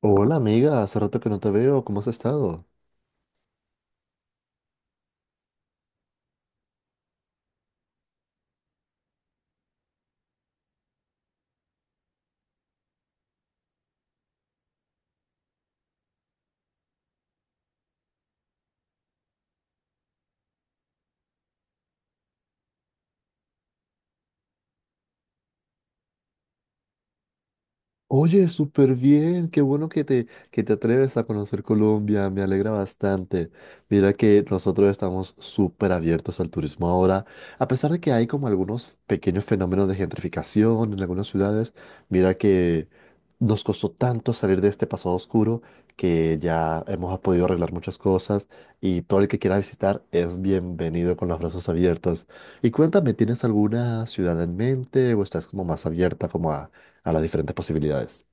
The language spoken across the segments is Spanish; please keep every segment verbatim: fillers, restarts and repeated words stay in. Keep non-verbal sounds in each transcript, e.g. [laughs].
Hola amiga, hace rato que no te veo, ¿cómo has estado? Oye, súper bien, qué bueno que te, que te atreves a conocer Colombia, me alegra bastante. Mira que nosotros estamos súper abiertos al turismo ahora, a pesar de que hay como algunos pequeños fenómenos de gentrificación en algunas ciudades. Mira que nos costó tanto salir de este pasado oscuro, que ya hemos podido arreglar muchas cosas, y todo el que quiera visitar es bienvenido con los brazos abiertos. Y cuéntame, ¿tienes alguna ciudad en mente o estás como más abierta como a las diferentes posibilidades?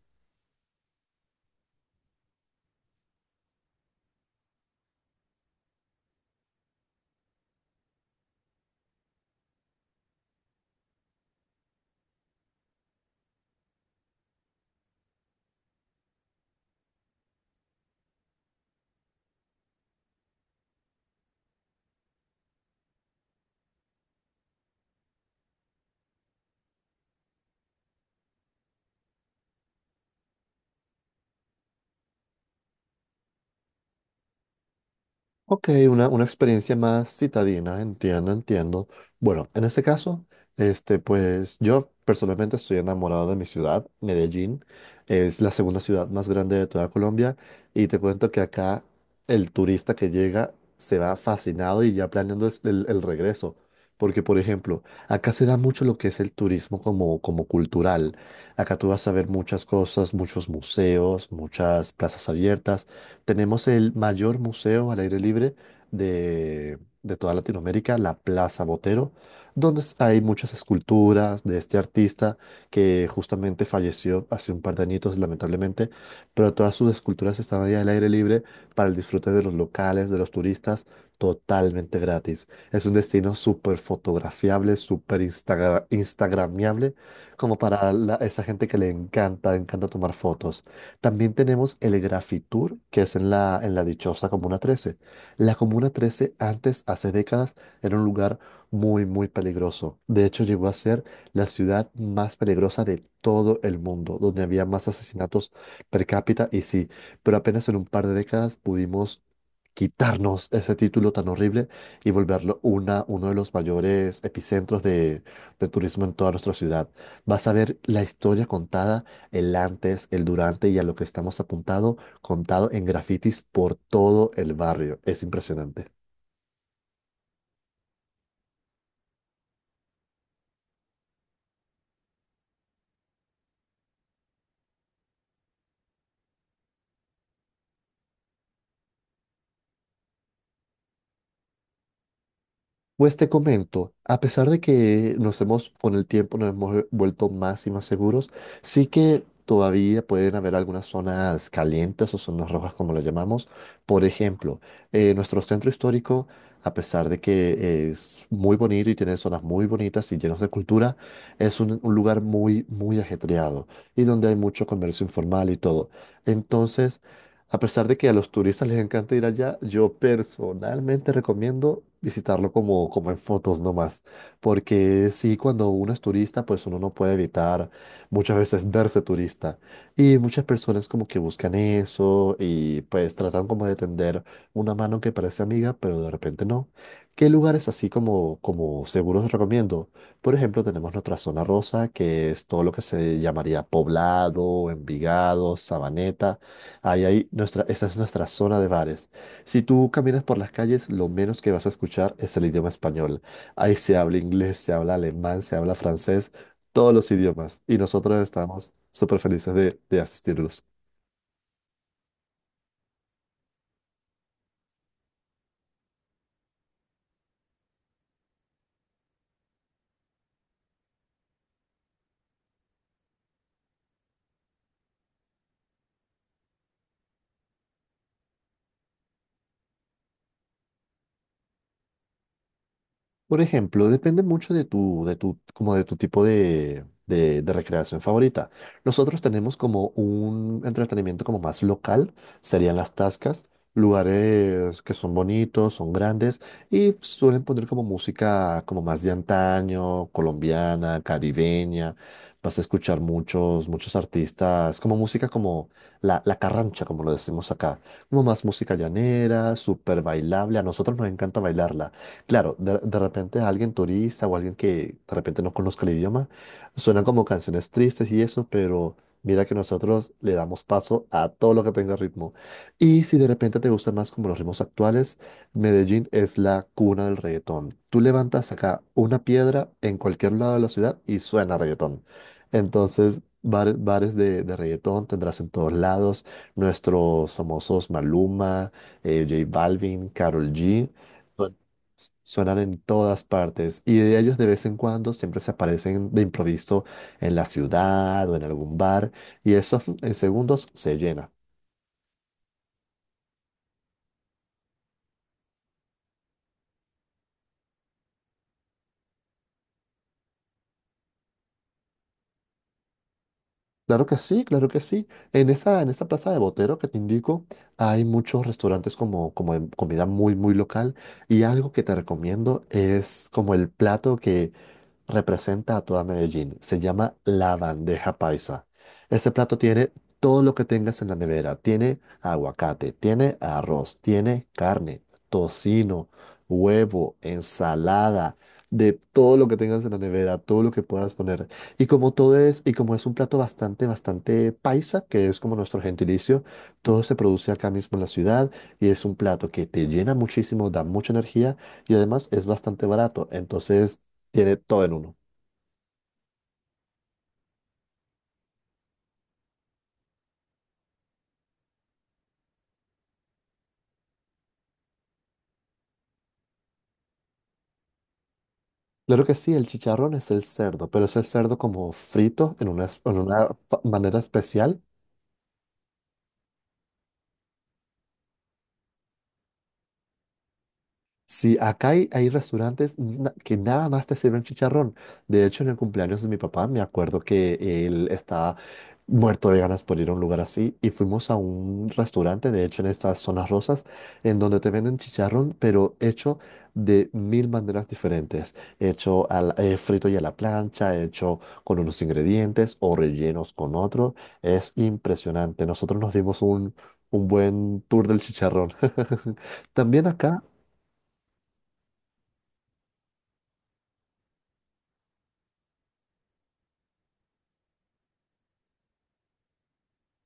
Ok, una, una experiencia más citadina, entiendo, entiendo. Bueno, en ese caso, este, pues yo personalmente estoy enamorado de mi ciudad, Medellín. Es la segunda ciudad más grande de toda Colombia, y te cuento que acá el turista que llega se va fascinado y ya planeando es- el, el regreso. Porque, por ejemplo, acá se da mucho lo que es el turismo como, como cultural. Acá tú vas a ver muchas cosas, muchos museos, muchas plazas abiertas. Tenemos el mayor museo al aire libre de, de toda Latinoamérica, la Plaza Botero, donde s- hay muchas esculturas de este artista, que justamente falleció hace un par de añitos, lamentablemente, pero todas sus esculturas están ahí al aire libre para el disfrute de los locales, de los turistas, totalmente gratis. Es un destino súper fotografiable, súper instagra- instagramiable, como para la- esa gente que le encanta, encanta tomar fotos. También tenemos el Grafitur, que es en la, en la dichosa Comuna trece. La Comuna trece antes, hace décadas, era un lugar muy, muy peligroso. De hecho, llegó a ser la ciudad más peligrosa de todo el mundo, donde había más asesinatos per cápita. Y sí, pero apenas en un par de décadas pudimos quitarnos ese título tan horrible y volverlo una, uno de los mayores epicentros de, de turismo en toda nuestra ciudad. Vas a ver la historia contada, el antes, el durante y a lo que estamos apuntado, contado en grafitis por todo el barrio. Es impresionante. Pues te comento, a pesar de que nos hemos, con el tiempo nos hemos eh, vuelto más y más seguros, sí que todavía pueden haber algunas zonas calientes o zonas rojas, como lo llamamos. Por ejemplo, eh, nuestro centro histórico, a pesar de que es muy bonito y tiene zonas muy bonitas y llenos de cultura, es un, un lugar muy, muy ajetreado, y donde hay mucho comercio informal y todo. Entonces, a pesar de que a los turistas les encanta ir allá, yo personalmente recomiendo visitarlo como, como en fotos nomás, porque sí, cuando uno es turista, pues uno no puede evitar muchas veces verse turista. Y muchas personas como que buscan eso y pues tratan como de tender una mano que parece amiga, pero de repente no. ¿Qué lugares así como, como seguros recomiendo? Por ejemplo, tenemos nuestra zona rosa, que es todo lo que se llamaría Poblado, Envigado, Sabaneta. Ahí hay nuestra, esa es nuestra zona de bares. Si tú caminas por las calles, lo menos que vas a escuchar es el idioma español. Ahí se habla inglés, se habla alemán, se habla francés, todos los idiomas. Y nosotros estamos súper felices de, de asistirlos. Por ejemplo, depende mucho de tu, de tu, como de tu tipo de, de, de recreación favorita. Nosotros tenemos como un entretenimiento como más local, serían las tascas, lugares que son bonitos, son grandes, y suelen poner como música como más de antaño, colombiana, caribeña. Vas a escuchar muchos, muchos artistas, como música como la, la carrancha, como lo decimos acá, como más música llanera, súper bailable. A nosotros nos encanta bailarla. Claro, de, de repente alguien turista o alguien que de repente no conozca el idioma, suenan como canciones tristes y eso, pero mira que nosotros le damos paso a todo lo que tenga ritmo. Y si de repente te gustan más como los ritmos actuales, Medellín es la cuna del reggaetón. Tú levantas acá una piedra en cualquier lado de la ciudad y suena reggaetón. Entonces, bares, bares de, de reggaetón tendrás en todos lados, nuestros famosos Maluma, eh, J Balvin, Karol G. Suenan en todas partes y de ellos de vez en cuando siempre se aparecen de improviso en la ciudad o en algún bar, y esos en segundos se llena. Claro que sí, claro que sí. En esa, en esa plaza de Botero que te indico, hay muchos restaurantes como, como de comida muy, muy local. Y algo que te recomiendo es como el plato que representa a toda Medellín. Se llama la bandeja paisa. Ese plato tiene todo lo que tengas en la nevera. Tiene aguacate, tiene arroz, tiene carne, tocino, huevo, ensalada, de todo lo que tengas en la nevera, todo lo que puedas poner. Y como todo es, y como es un plato bastante, bastante paisa, que es como nuestro gentilicio, todo se produce acá mismo en la ciudad, y es un plato que te llena muchísimo, da mucha energía y además es bastante barato, entonces tiene todo en uno. Claro que sí, el chicharrón es el cerdo, pero es el cerdo como frito en una, es- en una fa- manera especial. Sí, acá hay, hay restaurantes na- que nada más te sirven chicharrón. De hecho, en el cumpleaños de mi papá me acuerdo que él estaba muerto de ganas por ir a un lugar así, y fuimos a un restaurante, de hecho en estas zonas rosas, en donde te venden chicharrón, pero hecho de mil maneras diferentes. Hecho al, eh, frito y a la plancha, hecho con unos ingredientes o rellenos con otros. Es impresionante. Nosotros nos dimos un, un buen tour del chicharrón. [laughs] También acá.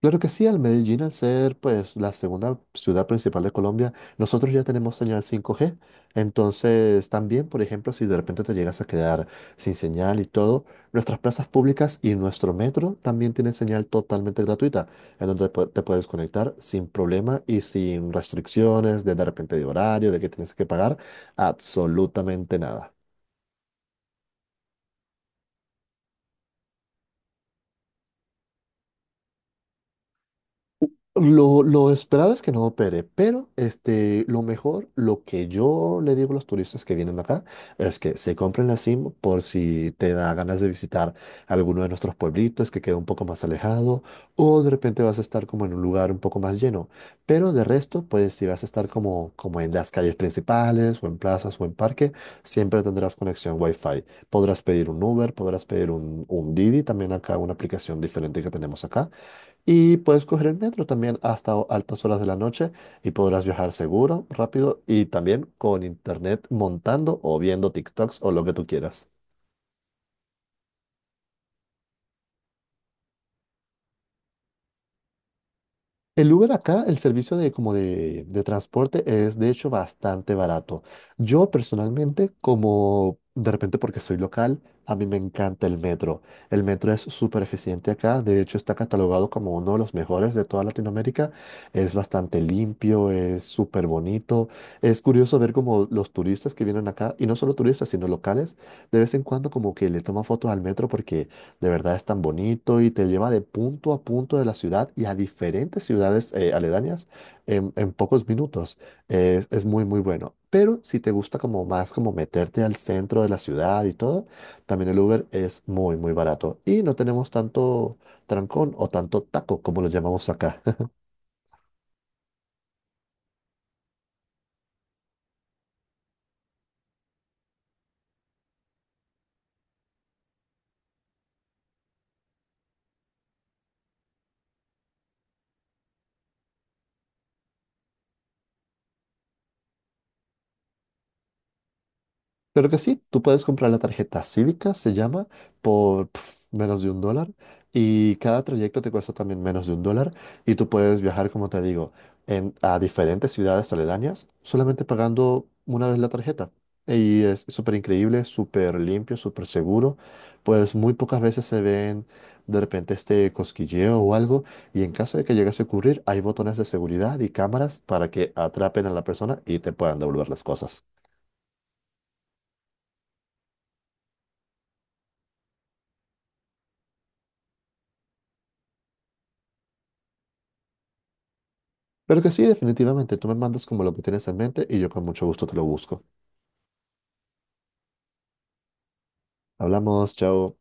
Claro que sí, al Medellín, al ser pues la segunda ciudad principal de Colombia, nosotros ya tenemos señal cinco G. Entonces, también, por ejemplo, si de repente te llegas a quedar sin señal y todo, nuestras plazas públicas y nuestro metro también tienen señal totalmente gratuita, en donde pu- te puedes conectar sin problema y sin restricciones de de repente de horario, de que tienes que pagar absolutamente nada. Lo, lo esperado es que no opere, pero este, lo mejor, lo que yo le digo a los turistas que vienen acá, es que se compren la SIM por si te da ganas de visitar alguno de nuestros pueblitos que queda un poco más alejado, o de repente vas a estar como en un lugar un poco más lleno. Pero de resto, pues si vas a estar como, como en las calles principales, o en plazas, o en parque, siempre tendrás conexión Wi-Fi. Podrás pedir un Uber, podrás pedir un, un Didi, también acá una aplicación diferente que tenemos acá, y puedes coger el metro también hasta o- altas horas de la noche, y podrás viajar seguro, rápido y también con internet montando o viendo TikToks o lo que tú quieras. El Uber acá, el servicio de, como de, de transporte es de hecho bastante barato. Yo personalmente, como de repente porque soy local, a mí me encanta el metro. El metro es súper eficiente acá, de hecho está catalogado como uno de los mejores de toda Latinoamérica. Es bastante limpio, es súper bonito. Es curioso ver como los turistas que vienen acá, y no solo turistas, sino locales, de vez en cuando como que le toman fotos al metro porque de verdad es tan bonito, y te lleva de punto a punto de la ciudad y a diferentes ciudades eh, aledañas en, en pocos minutos. Es, es muy, muy bueno. Pero si te gusta como más como meterte al centro de la ciudad y todo, también el Uber es muy, muy barato. Y no tenemos tanto trancón o tanto taco, como lo llamamos acá. Claro que sí, tú puedes comprar la tarjeta cívica, se llama, por pf, menos de un dólar, y cada trayecto te cuesta también menos de un dólar, y tú puedes viajar, como te digo, en- a diferentes ciudades aledañas solamente pagando una vez la tarjeta. Y es súper increíble, súper limpio, súper seguro, pues muy pocas veces se ven de repente este cosquilleo o algo, y en caso de que llegase a ocurrir hay botones de seguridad y cámaras para que atrapen a la persona y te puedan devolver las cosas. Pero que sí, definitivamente, tú me mandas como lo que tienes en mente y yo con mucho gusto te lo busco. Hablamos, chao.